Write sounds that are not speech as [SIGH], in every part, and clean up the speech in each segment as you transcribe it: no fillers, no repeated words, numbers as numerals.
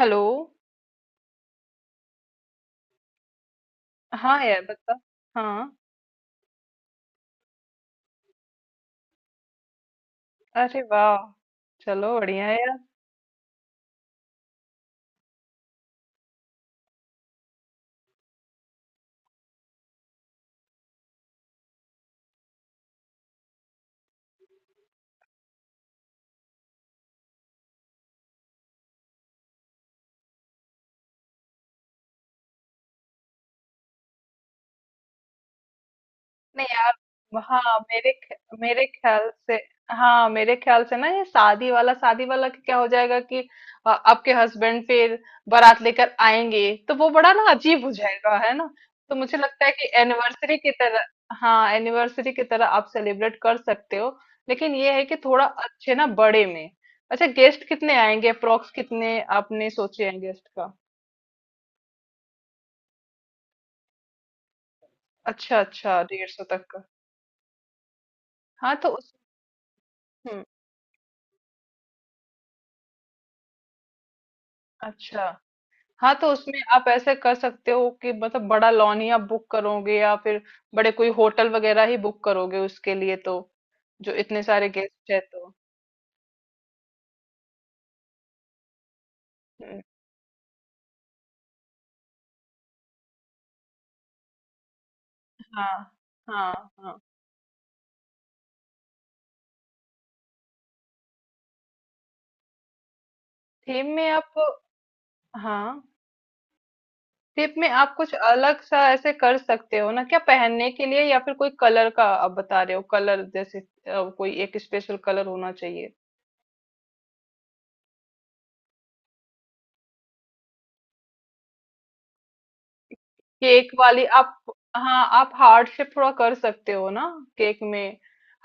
Hello. हाँ यार बता। हाँ। अरे वाह, चलो बढ़िया है यार। नहीं यार। हाँ, मेरे ख्याल से, हाँ मेरे ख्याल से ना, ये शादी वाला का क्या हो जाएगा कि आपके हस्बैंड फिर बारात लेकर आएंगे, तो वो बड़ा ना अजीब हो जाएगा है ना। तो मुझे लगता है कि एनिवर्सरी की तरह। हाँ, एनिवर्सरी की तरह आप सेलिब्रेट कर सकते हो, लेकिन ये है कि थोड़ा अच्छे ना बड़े में। अच्छा, गेस्ट कितने आएंगे, अप्रोक्स कितने आपने सोचे हैं गेस्ट का? अच्छा, अच्छा, 150 तक का। हाँ, तो उस हुँ, अच्छा। हाँ, तो उसमें आप ऐसे कर सकते हो कि मतलब बड़ा लॉन ही आप बुक करोगे या फिर बड़े कोई होटल वगैरह ही बुक करोगे उसके लिए, तो जो इतने सारे गेस्ट हैं तो। हुँ, हाँ, हाँ, हाँ। थीम में आप, हाँ, थीम में आप कुछ अलग सा ऐसे कर सकते हो ना, क्या पहनने के लिए या फिर कोई कलर का आप बता रहे हो, कलर जैसे कोई एक स्पेशल कलर होना चाहिए। केक वाली आप, हाँ आप हार्ट शेप थोड़ा कर सकते हो ना, केक में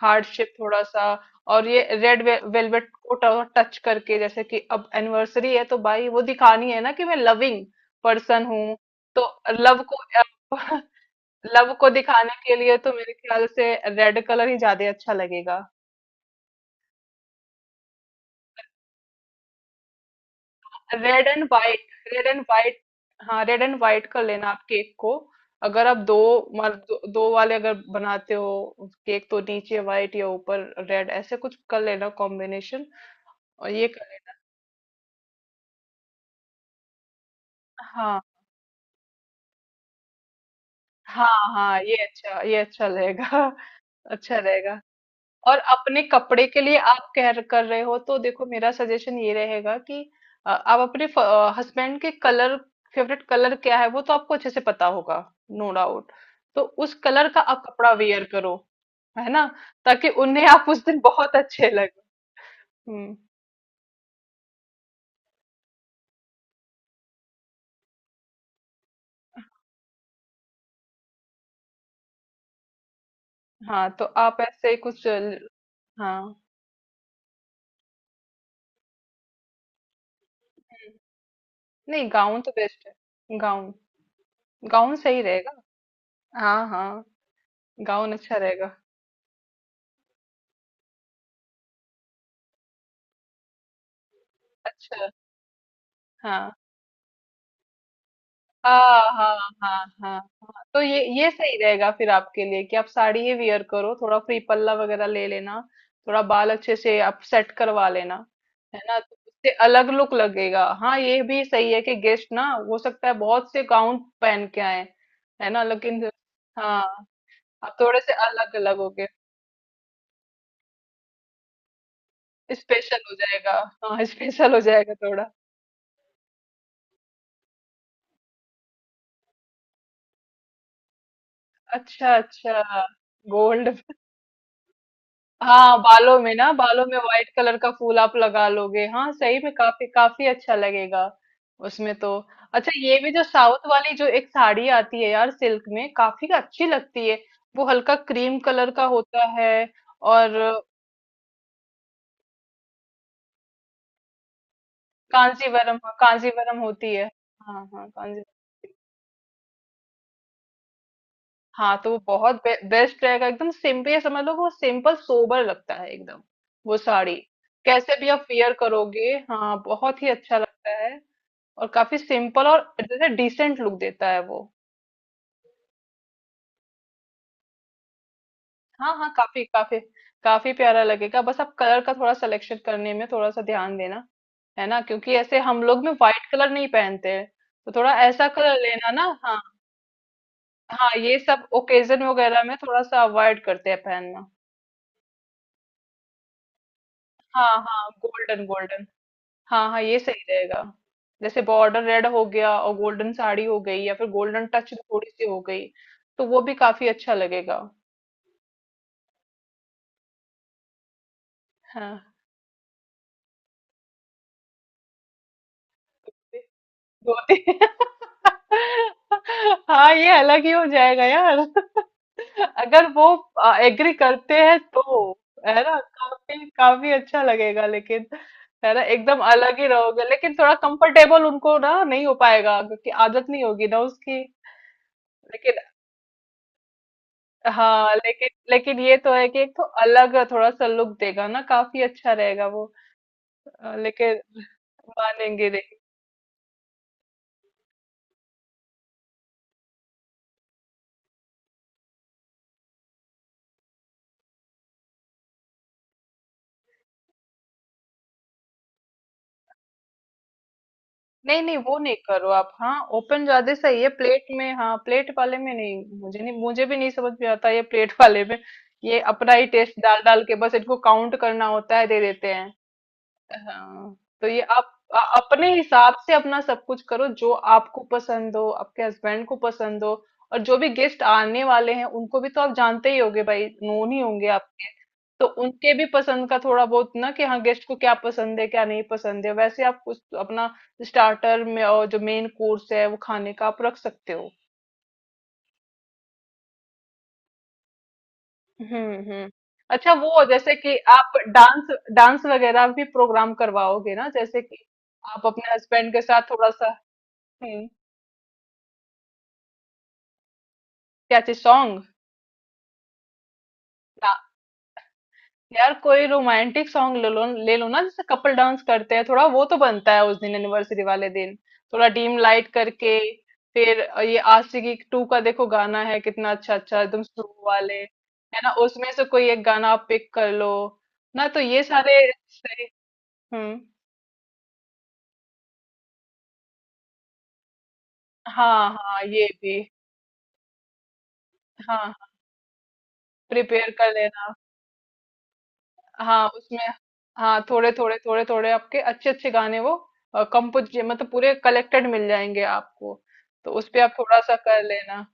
हार्ट शेप थोड़ा सा। और ये रेड वेलवेट को टच करके, जैसे कि अब एनिवर्सरी है तो भाई वो दिखानी है ना कि मैं लविंग पर्सन हूँ। तो लव को [LAUGHS] लव को दिखाने के लिए तो मेरे ख्याल से रेड कलर ही ज्यादा अच्छा लगेगा। Red and white, red and white, हाँ रेड एंड वाइट कर लेना आप केक को। अगर आप दो, दो, दो वाले अगर बनाते हो केक, तो नीचे वाइट या ऊपर रेड ऐसे कुछ कर लेना कॉम्बिनेशन। और ये कर लेना। हाँ हाँ, हाँ ये अच्छा, ये अच्छा रहेगा। [LAUGHS] अच्छा रहेगा। और अपने कपड़े के लिए आप कह कर रहे हो तो देखो मेरा सजेशन ये रहेगा कि आप अपने हस्बैंड के कलर, फेवरेट कलर क्या है वो तो आपको अच्छे से पता होगा, नो डाउट। तो उस कलर का आप कपड़ा वेयर करो, है ना, ताकि उन्हें आप उस दिन बहुत अच्छे लगे। हम्म। हाँ तो आप ऐसे ही कुछ हाँ। नहीं, गाउन तो बेस्ट है। गाउन, गाउन सही रहेगा। हाँ हाँ, गाउन अच्छा रहेगा। अच्छा। हाँ। हाँ हाँ, हाँ हाँ हाँ। तो ये सही रहेगा फिर आपके लिए कि आप साड़ी ही वियर करो, थोड़ा फ्री पल्ला वगैरह ले लेना, थोड़ा बाल अच्छे से आप सेट करवा लेना, है ना, तो उससे अलग लुक लगेगा। हाँ, ये भी सही है कि गेस्ट ना हो सकता है बहुत से गाउन पहन के आए, है ना, लेकिन हाँ आप थोड़े से अलग अलग हो गए। स्पेशल हो जाएगा, हाँ [LAUGHS] स्पेशल हो जाएगा थोड़ा। अच्छा अच्छा, गोल्ड। हाँ बालों में ना, बालों में व्हाइट कलर का फूल आप लगा लोगे, हाँ सही में काफी काफी अच्छा लगेगा उसमें तो। अच्छा, ये भी जो साउथ वाली जो एक साड़ी आती है यार, सिल्क में, काफी अच्छी लगती है, वो हल्का क्रीम कलर का होता है। और कांजीवरम, हाँ कांजीवरम होती है, हाँ हाँ कांजी। हाँ तो वो बहुत बेस्ट रहेगा, एकदम सिंपल, समझ लो कि वो सिंपल सोबर लगता है एकदम, वो साड़ी। कैसे भी आप वेयर करोगे, हाँ बहुत ही अच्छा लगता है, और काफी सिंपल और जैसे डिसेंट लुक देता है वो। हाँ हाँ, काफी काफी काफी प्यारा लगेगा। बस आप कलर का थोड़ा सिलेक्शन करने में थोड़ा सा ध्यान देना, है ना, क्योंकि ऐसे हम लोग में व्हाइट कलर नहीं पहनते हैं। तो थोड़ा ऐसा कलर लेना ना, हाँ। हाँ, ये सब ओकेजन वगैरह में थोड़ा सा अवॉइड करते हैं पहनना। हाँ हाँ, गोल्डन गोल्डन, हाँ हाँ ये सही रहेगा। जैसे बॉर्डर रेड हो गया और गोल्डन साड़ी हो गई या फिर गोल्डन टच थोड़ी सी हो गई, तो वो भी काफी अच्छा लगेगा। हाँ। धोती [LAUGHS] हाँ ये अलग ही हो जाएगा यार [LAUGHS] अगर वो एग्री करते हैं तो। है ना काफी काफी अच्छा लगेगा, लेकिन है ना एकदम अलग ही रहोगे, लेकिन थोड़ा कंफर्टेबल उनको ना नहीं हो पाएगा, क्योंकि आदत नहीं होगी ना उसकी। लेकिन हाँ, लेकिन लेकिन ये तो है कि एक तो अलग थोड़ा सा लुक देगा ना, काफी अच्छा रहेगा वो। लेकिन मानेंगे नहीं। नहीं नहीं, वो नहीं करो आप। हाँ ओपन ज्यादा सही है, प्लेट में हाँ प्लेट वाले में नहीं, मुझे नहीं, मुझे भी नहीं समझ में आता ये प्लेट वाले में। ये अपना ही टेस्ट डाल डाल के बस इनको काउंट करना होता है, दे देते हैं। हाँ। तो ये आप अपने हिसाब से अपना सब कुछ करो जो आपको पसंद हो, आपके हस्बैंड को पसंद हो। और जो भी गेस्ट आने वाले हैं उनको भी तो आप जानते ही होगे, भाई नोन ही होंगे। तो उनके भी पसंद का थोड़ा बहुत ना, कि हाँ गेस्ट को क्या पसंद है क्या नहीं पसंद है, वैसे आप कुछ अपना स्टार्टर में और जो मेन कोर्स है वो खाने का आप रख सकते हो। हम्म। अच्छा, वो जैसे कि आप डांस, डांस वगैरह भी प्रोग्राम करवाओगे ना, जैसे कि आप अपने हस्बैंड के साथ थोड़ा सा। हम्म, क्या चीज सॉन्ग? यार कोई रोमांटिक सॉन्ग ले लो, ले लो ना, जैसे कपल डांस करते हैं थोड़ा, वो तो बनता है उस दिन एनिवर्सरी वाले दिन, थोड़ा डीम लाइट करके। फिर ये आशिकी टू का देखो गाना है कितना अच्छा अच्छा, एकदम स्लो वाले है ना, उसमें से कोई एक गाना आप पिक कर लो ना। तो ये सारे सही। हम्म। हाँ हाँ ये भी। हाँ प्रिपेयर कर लेना, हाँ उसमें, हाँ थोड़े थोड़े थोड़े थोड़े आपके अच्छे अच्छे गाने, वो कंपोज मतलब पूरे कलेक्टेड मिल जाएंगे आपको, तो उस पे आप थोड़ा सा कर लेना।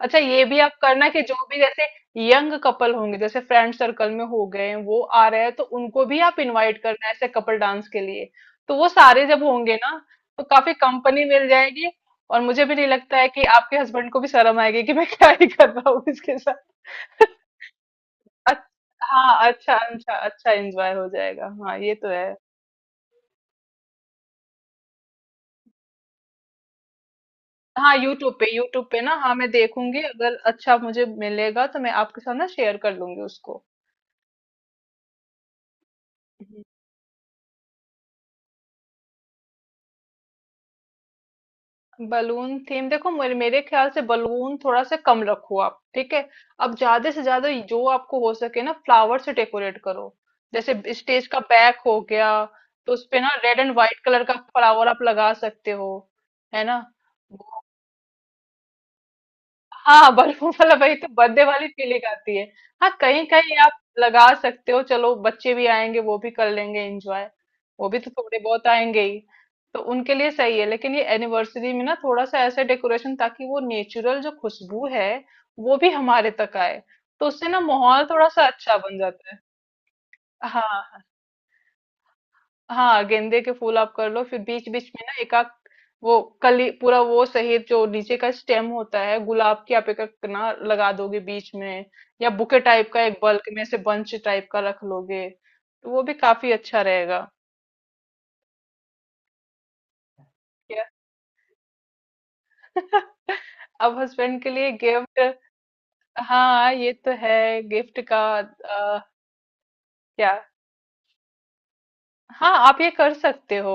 अच्छा, ये भी आप करना कि जो भी जैसे यंग कपल होंगे जैसे फ्रेंड सर्कल में हो गए हैं, वो आ रहे हैं, तो उनको भी आप इनवाइट करना ऐसे कपल डांस के लिए। तो वो सारे जब होंगे ना, तो काफी कंपनी मिल जाएगी। और मुझे भी नहीं लगता है कि आपके हस्बैंड को भी शर्म आएगी कि मैं क्या ही कर रहा हूँ इसके साथ। अच हाँ, अच्छा अच्छा अच्छा एन्जॉय हो जाएगा। हाँ, ये तो है। हाँ, यूट्यूब पे ना, हाँ, मैं देखूँगी अगर अच्छा मुझे मिलेगा तो मैं आपके साथ ना शेयर कर लूँगी उसको। हुँ। बलून थीम देखो, मेरे मेरे ख्याल से बलून थोड़ा-सा कम रखो आप, ठीक है? अब ज़्यादा से ज़्यादा जो आपको हो सके ना फ्लावर से डेकोरेट करो। जैसे ब स्टेज का बैक हो गया, तो उसपे ना रेड एंड व्हाइट कलर का फ्लावर आप लगा सकते हो। है ना? हाँ बलून वाला वही, तो बर्थडे वाली फीलिंग आती है। हाँ कहीं कहीं आप लगा सकते हो, चलो बच्चे भी आएंगे वो भी कर लेंगे एंजॉय, वो भी तो थोड़े बहुत आएंगे ही, तो उनके लिए सही है। लेकिन ये एनिवर्सरी में ना थोड़ा सा ऐसे डेकोरेशन, ताकि वो नेचुरल जो खुशबू है वो भी हमारे तक आए, तो उससे ना माहौल थोड़ा सा अच्छा बन जाता है। हाँ। हाँ गेंदे के फूल आप कर लो, फिर बीच बीच में ना एक आध वो कली पूरा वो सहित जो नीचे का स्टेम होता है गुलाब की, आप एक एक ना लगा दोगे बीच में, या बुके टाइप का एक बल्क में से बंच टाइप का रख लोगे, तो वो भी काफी अच्छा रहेगा। क्या? [LAUGHS] अब हस्बैंड के लिए गिफ्ट, हाँ ये तो है। गिफ्ट का क्या? हाँ आप ये कर सकते हो,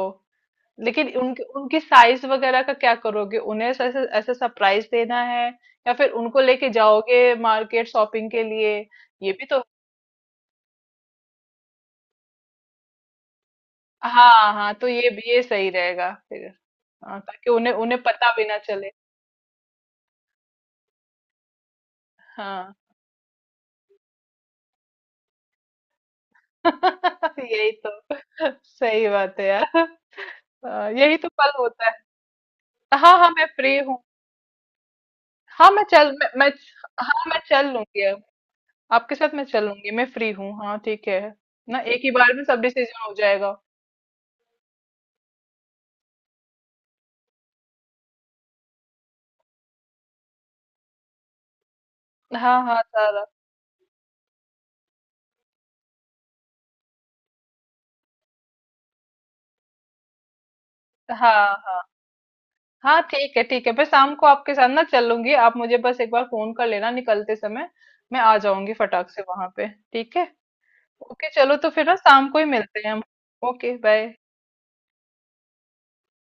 लेकिन उनके उनकी साइज वगैरह का क्या करोगे, उन्हें ऐसे ऐसे सरप्राइज देना है, या फिर उनको लेके जाओगे मार्केट शॉपिंग के लिए? ये भी तो, हाँ हाँ तो ये भी ये सही रहेगा फिर। हाँ, ताकि उन्हें उन्हें पता भी ना चले। हाँ [LAUGHS] यही तो सही बात है यार। हाँ, यही तो पल होता है। हाँ हाँ मैं फ्री हूँ। हाँ मैं चल, मैं, हाँ मैं चल लूंगी, अब आपके साथ मैं चल लूंगी, मैं फ्री हूँ, हाँ ठीक है ना, एक ही बार में सब डिसीजन हो जाएगा। हाँ, हाँ, सारा। हाँ, हाँ। हाँ, ठीक है, ठीक है। मैं शाम को आपके साथ ना चलूंगी। आप मुझे बस एक बार फोन कर लेना निकलते समय। मैं आ जाऊंगी फटाक से वहां पे। ठीक है? ओके, चलो तो फिर ना शाम को ही मिलते हैं हम। Okay, bye.